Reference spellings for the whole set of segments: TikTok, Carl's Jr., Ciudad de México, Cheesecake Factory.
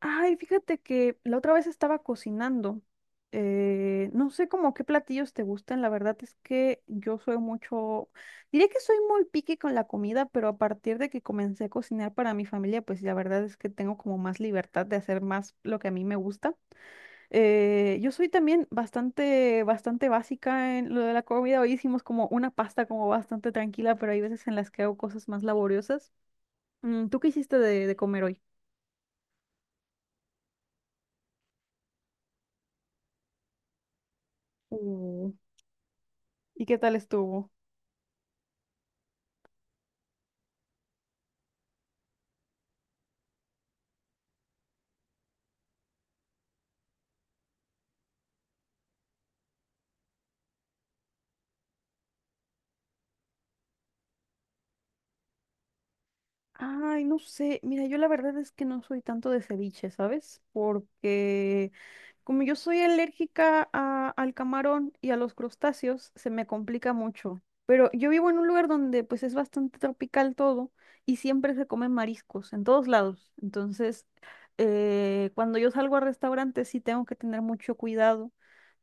Ay, fíjate que la otra vez estaba cocinando. No sé como qué platillos te gustan, la verdad es que yo soy mucho, diría que soy muy picky con la comida, pero a partir de que comencé a cocinar para mi familia, pues la verdad es que tengo como más libertad de hacer más lo que a mí me gusta. Yo soy también bastante básica en lo de la comida. Hoy hicimos como una pasta como bastante tranquila, pero hay veces en las que hago cosas más laboriosas. Mm, ¿tú qué hiciste de comer hoy? Uh, ¿Y qué tal estuvo? Ay, no sé. Mira, yo la verdad es que no soy tanto de ceviche, ¿sabes? Porque como yo soy alérgica al camarón y a los crustáceos, se me complica mucho. Pero yo vivo en un lugar donde pues es bastante tropical todo y siempre se comen mariscos en todos lados. Entonces, cuando yo salgo a restaurantes sí tengo que tener mucho cuidado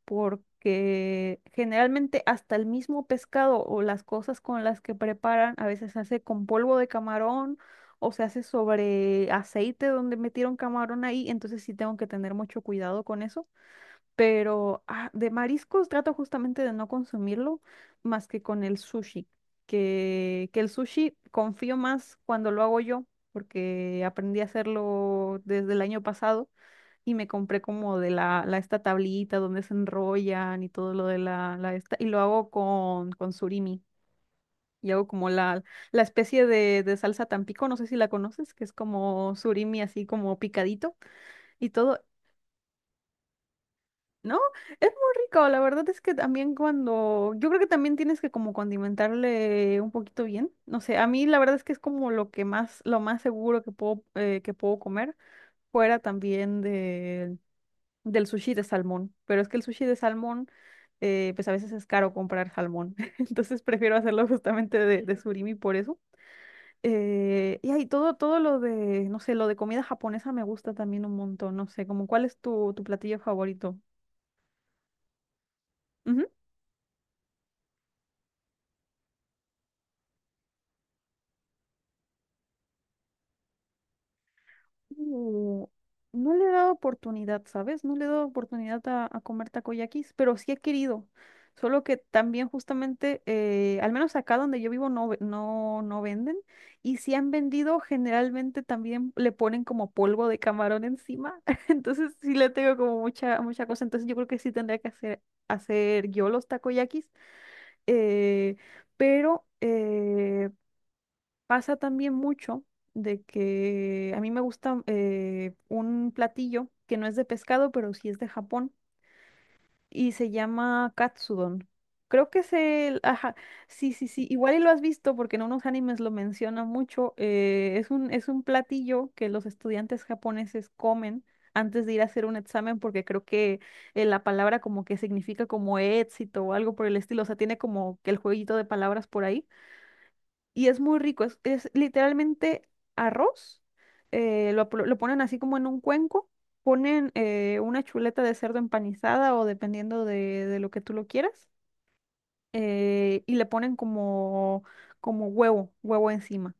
porque generalmente hasta el mismo pescado o las cosas con las que preparan a veces se hace con polvo de camarón o se hace sobre aceite donde metieron camarón ahí, entonces sí tengo que tener mucho cuidado con eso. Pero de mariscos trato justamente de no consumirlo más que con el sushi, que el sushi confío más cuando lo hago yo, porque aprendí a hacerlo desde el año pasado y me compré como de la esta tablita donde se enrollan y todo lo de la esta, y lo hago con surimi. Y hago como la especie de salsa Tampico, no sé si la conoces, que es como surimi así como picadito y todo. No, es muy rico, la verdad es que también cuando, yo creo que también tienes que como condimentarle un poquito bien, no sé, a mí la verdad es que es como lo que más, lo más seguro que puedo comer, fuera también de del sushi de salmón, pero es que el sushi de salmón, pues a veces es caro comprar salmón, entonces prefiero hacerlo justamente de surimi por eso. Y ahí todo, todo lo de, no sé, lo de comida japonesa me gusta también un montón, no sé, como cuál es tu, tu platillo favorito. Mm, no le he dado oportunidad, ¿sabes? No le he dado oportunidad a comer takoyakis, pero sí he querido. Solo que también justamente, al menos acá donde yo vivo no, no, no venden. Y si han vendido, generalmente también le ponen como polvo de camarón encima. Entonces sí le tengo como mucha, mucha cosa. Entonces yo creo que sí tendría que hacer, hacer yo los takoyakis. eh, pero... eh, Pasa también mucho de que a mí me gusta un platillo que no es de pescado, pero sí es de Japón y se llama katsudon. Creo que es el... Ajá, sí, sí, sí. Igual y lo has visto porque en unos animes lo menciona mucho. Es es un platillo que los estudiantes japoneses comen antes de ir a hacer un examen porque creo que la palabra como que significa como éxito o algo por el estilo. O sea, tiene como que el jueguito de palabras por ahí y es muy rico, es literalmente arroz, lo ponen así como en un cuenco, ponen una chuleta de cerdo empanizada o dependiendo de lo que tú lo quieras, y le ponen como, como huevo, huevo encima.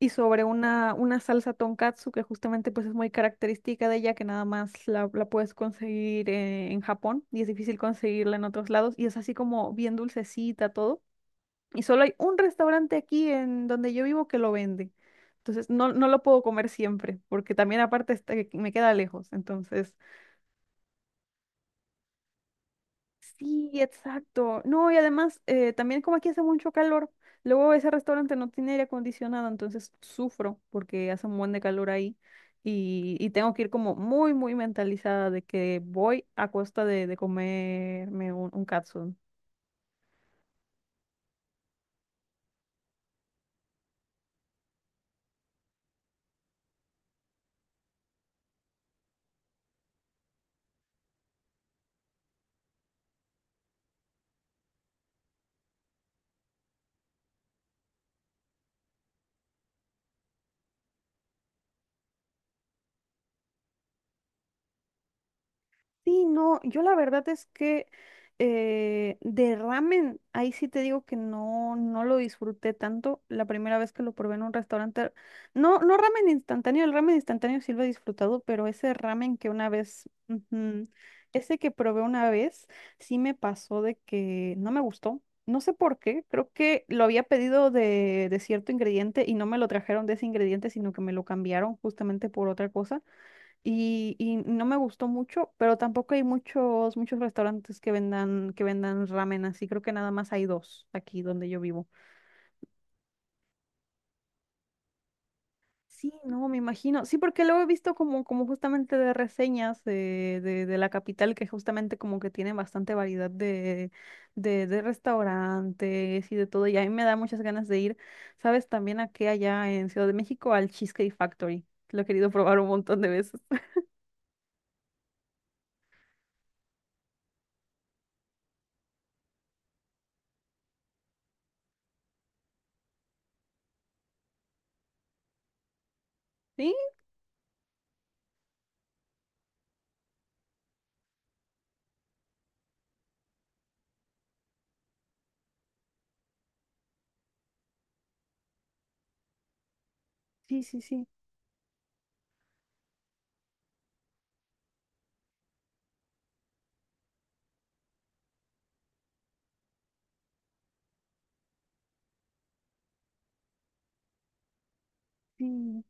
Y sobre una salsa tonkatsu que justamente pues es muy característica de ella, que nada más la, la puedes conseguir en Japón y es difícil conseguirla en otros lados y es así como bien dulcecita todo y solo hay un restaurante aquí en donde yo vivo que lo vende. Entonces no, no lo puedo comer siempre, porque también aparte está que me queda lejos. Entonces, sí, exacto. No, y además, también como aquí hace mucho calor, luego ese restaurante no tiene aire acondicionado, entonces sufro porque hace un buen de calor ahí. Y tengo que ir como muy, muy mentalizada de que voy a costa de comerme un catsup. Sí, no, yo la verdad es que de ramen, ahí sí te digo que no, no lo disfruté tanto la primera vez que lo probé en un restaurante. No, no ramen instantáneo, el ramen instantáneo sí lo he disfrutado, pero ese ramen que una vez, ujú, ese que probé una vez, sí me pasó de que no me gustó. No sé por qué, creo que lo había pedido de cierto ingrediente y no me lo trajeron de ese ingrediente, sino que me lo cambiaron justamente por otra cosa y no me gustó mucho, pero tampoco hay muchos, muchos restaurantes que vendan ramen así. Creo que nada más hay dos aquí donde yo vivo. Sí, no, me imagino. Sí, porque luego he visto como, como justamente de reseñas de la capital que justamente como que tiene bastante variedad de, de restaurantes y de todo. Y a mí me da muchas ganas de ir, ¿sabes? También aquí allá en Ciudad de México al Cheesecake Factory. Lo he querido probar un montón de veces. Sí, sí, sí, sí. Sí.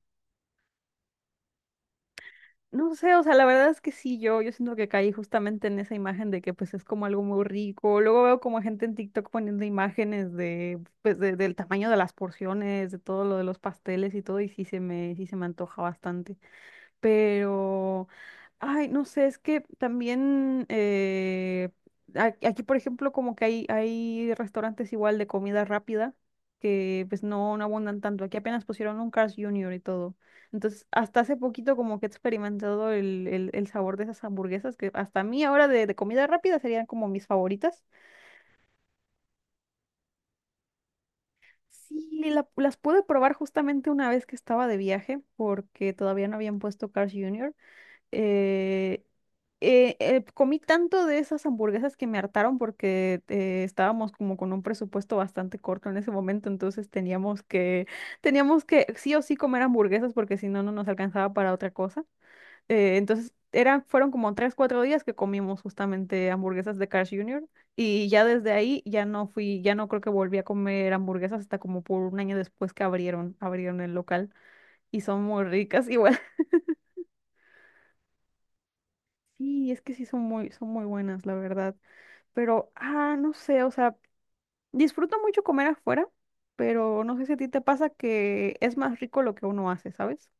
No sé, o sea, la verdad es que sí, yo siento que caí justamente en esa imagen de que pues es como algo muy rico. Luego veo como gente en TikTok poniendo imágenes de, pues, del tamaño de las porciones, de todo lo de los pasteles y todo, y sí se me antoja bastante, pero, ay, no sé, es que también aquí, por ejemplo, como que hay restaurantes igual de comida rápida que pues no, no abundan tanto. Aquí apenas pusieron un Carl's Jr. y todo. Entonces, hasta hace poquito como que he experimentado el, el sabor de esas hamburguesas que hasta a mí ahora de comida rápida serían como mis favoritas. Sí, las pude probar justamente una vez que estaba de viaje porque todavía no habían puesto Carl's Jr. eh, Comí tanto de esas hamburguesas que me hartaron porque estábamos como con un presupuesto bastante corto en ese momento, entonces teníamos que sí o sí comer hamburguesas porque si no, no nos alcanzaba para otra cosa. Entonces eran, fueron como tres, cuatro días que comimos justamente hamburguesas de Carl's Jr. Y ya desde ahí ya no fui, ya no creo que volví a comer hamburguesas hasta como por un año después que abrieron, abrieron el local y son muy ricas. Y sí, es que sí son muy buenas, la verdad. Pero, no sé, o sea, disfruto mucho comer afuera, pero no sé si a ti te pasa que es más rico lo que uno hace, ¿sabes?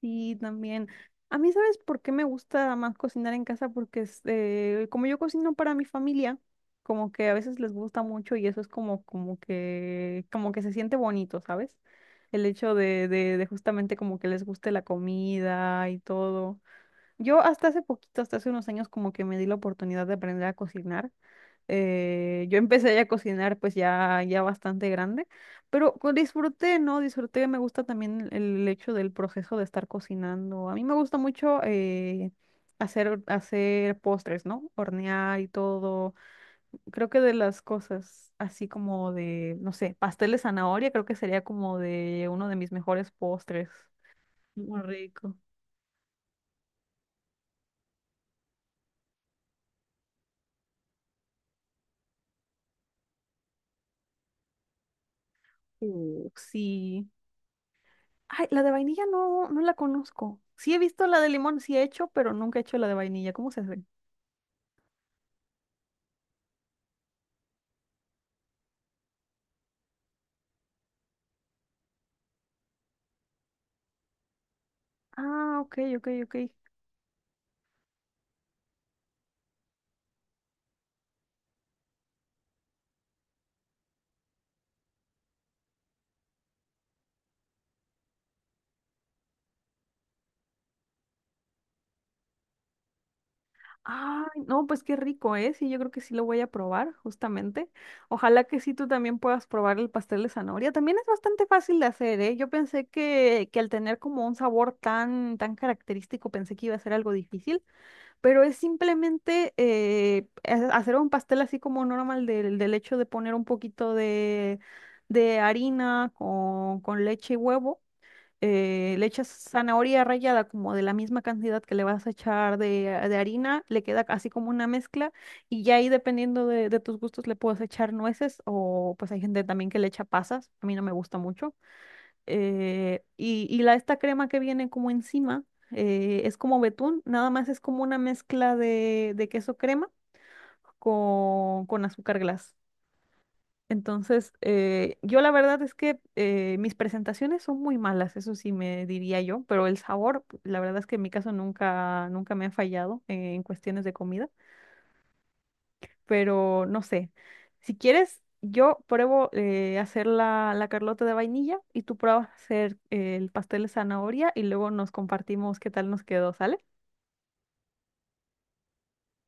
Sí, también. A mí, ¿sabes por qué me gusta más cocinar en casa? Porque este, como yo cocino para mi familia, como que a veces les gusta mucho y eso es como, como que se siente bonito, ¿sabes? El hecho de justamente como que les guste la comida y todo. Yo hasta hace poquito, hasta hace unos años, como que me di la oportunidad de aprender a cocinar. Yo empecé ya a cocinar pues ya, ya bastante grande, pero disfruté, ¿no? Disfruté, me gusta también el hecho del proceso de estar cocinando. A mí me gusta mucho hacer, hacer postres, ¿no? Hornear y todo. Creo que de las cosas así como de, no sé, pastel de zanahoria, creo que sería como de uno de mis mejores postres. Muy rico. Sí. Ay, la de vainilla no, no la conozco. Sí he visto la de limón, sí he hecho, pero nunca he hecho la de vainilla. ¿Cómo se hace? Ah, ok, ok, ok. Ay, no, pues qué rico, ¿eh? Sí, yo creo que sí lo voy a probar, justamente. Ojalá que sí tú también puedas probar el pastel de zanahoria. También es bastante fácil de hacer, ¿eh? Yo pensé que al tener como un sabor tan, tan característico, pensé que iba a ser algo difícil, pero es simplemente hacer un pastel así como normal del, del hecho de poner un poquito de harina con leche y huevo. Le echas zanahoria rallada como de la misma cantidad que le vas a echar de harina, le queda así como una mezcla y ya ahí dependiendo de tus gustos le puedes echar nueces o pues hay gente también que le echa pasas, a mí no me gusta mucho y la, esta crema que viene como encima es como betún, nada más es como una mezcla de queso crema con azúcar glass. Entonces, yo la verdad es que mis presentaciones son muy malas, eso sí me diría yo, pero el sabor, la verdad es que en mi caso nunca, nunca me ha fallado en cuestiones de comida. Pero no sé. Si quieres, yo pruebo hacer la, la carlota de vainilla y tú pruebas hacer el pastel de zanahoria y luego nos compartimos qué tal nos quedó, ¿sale?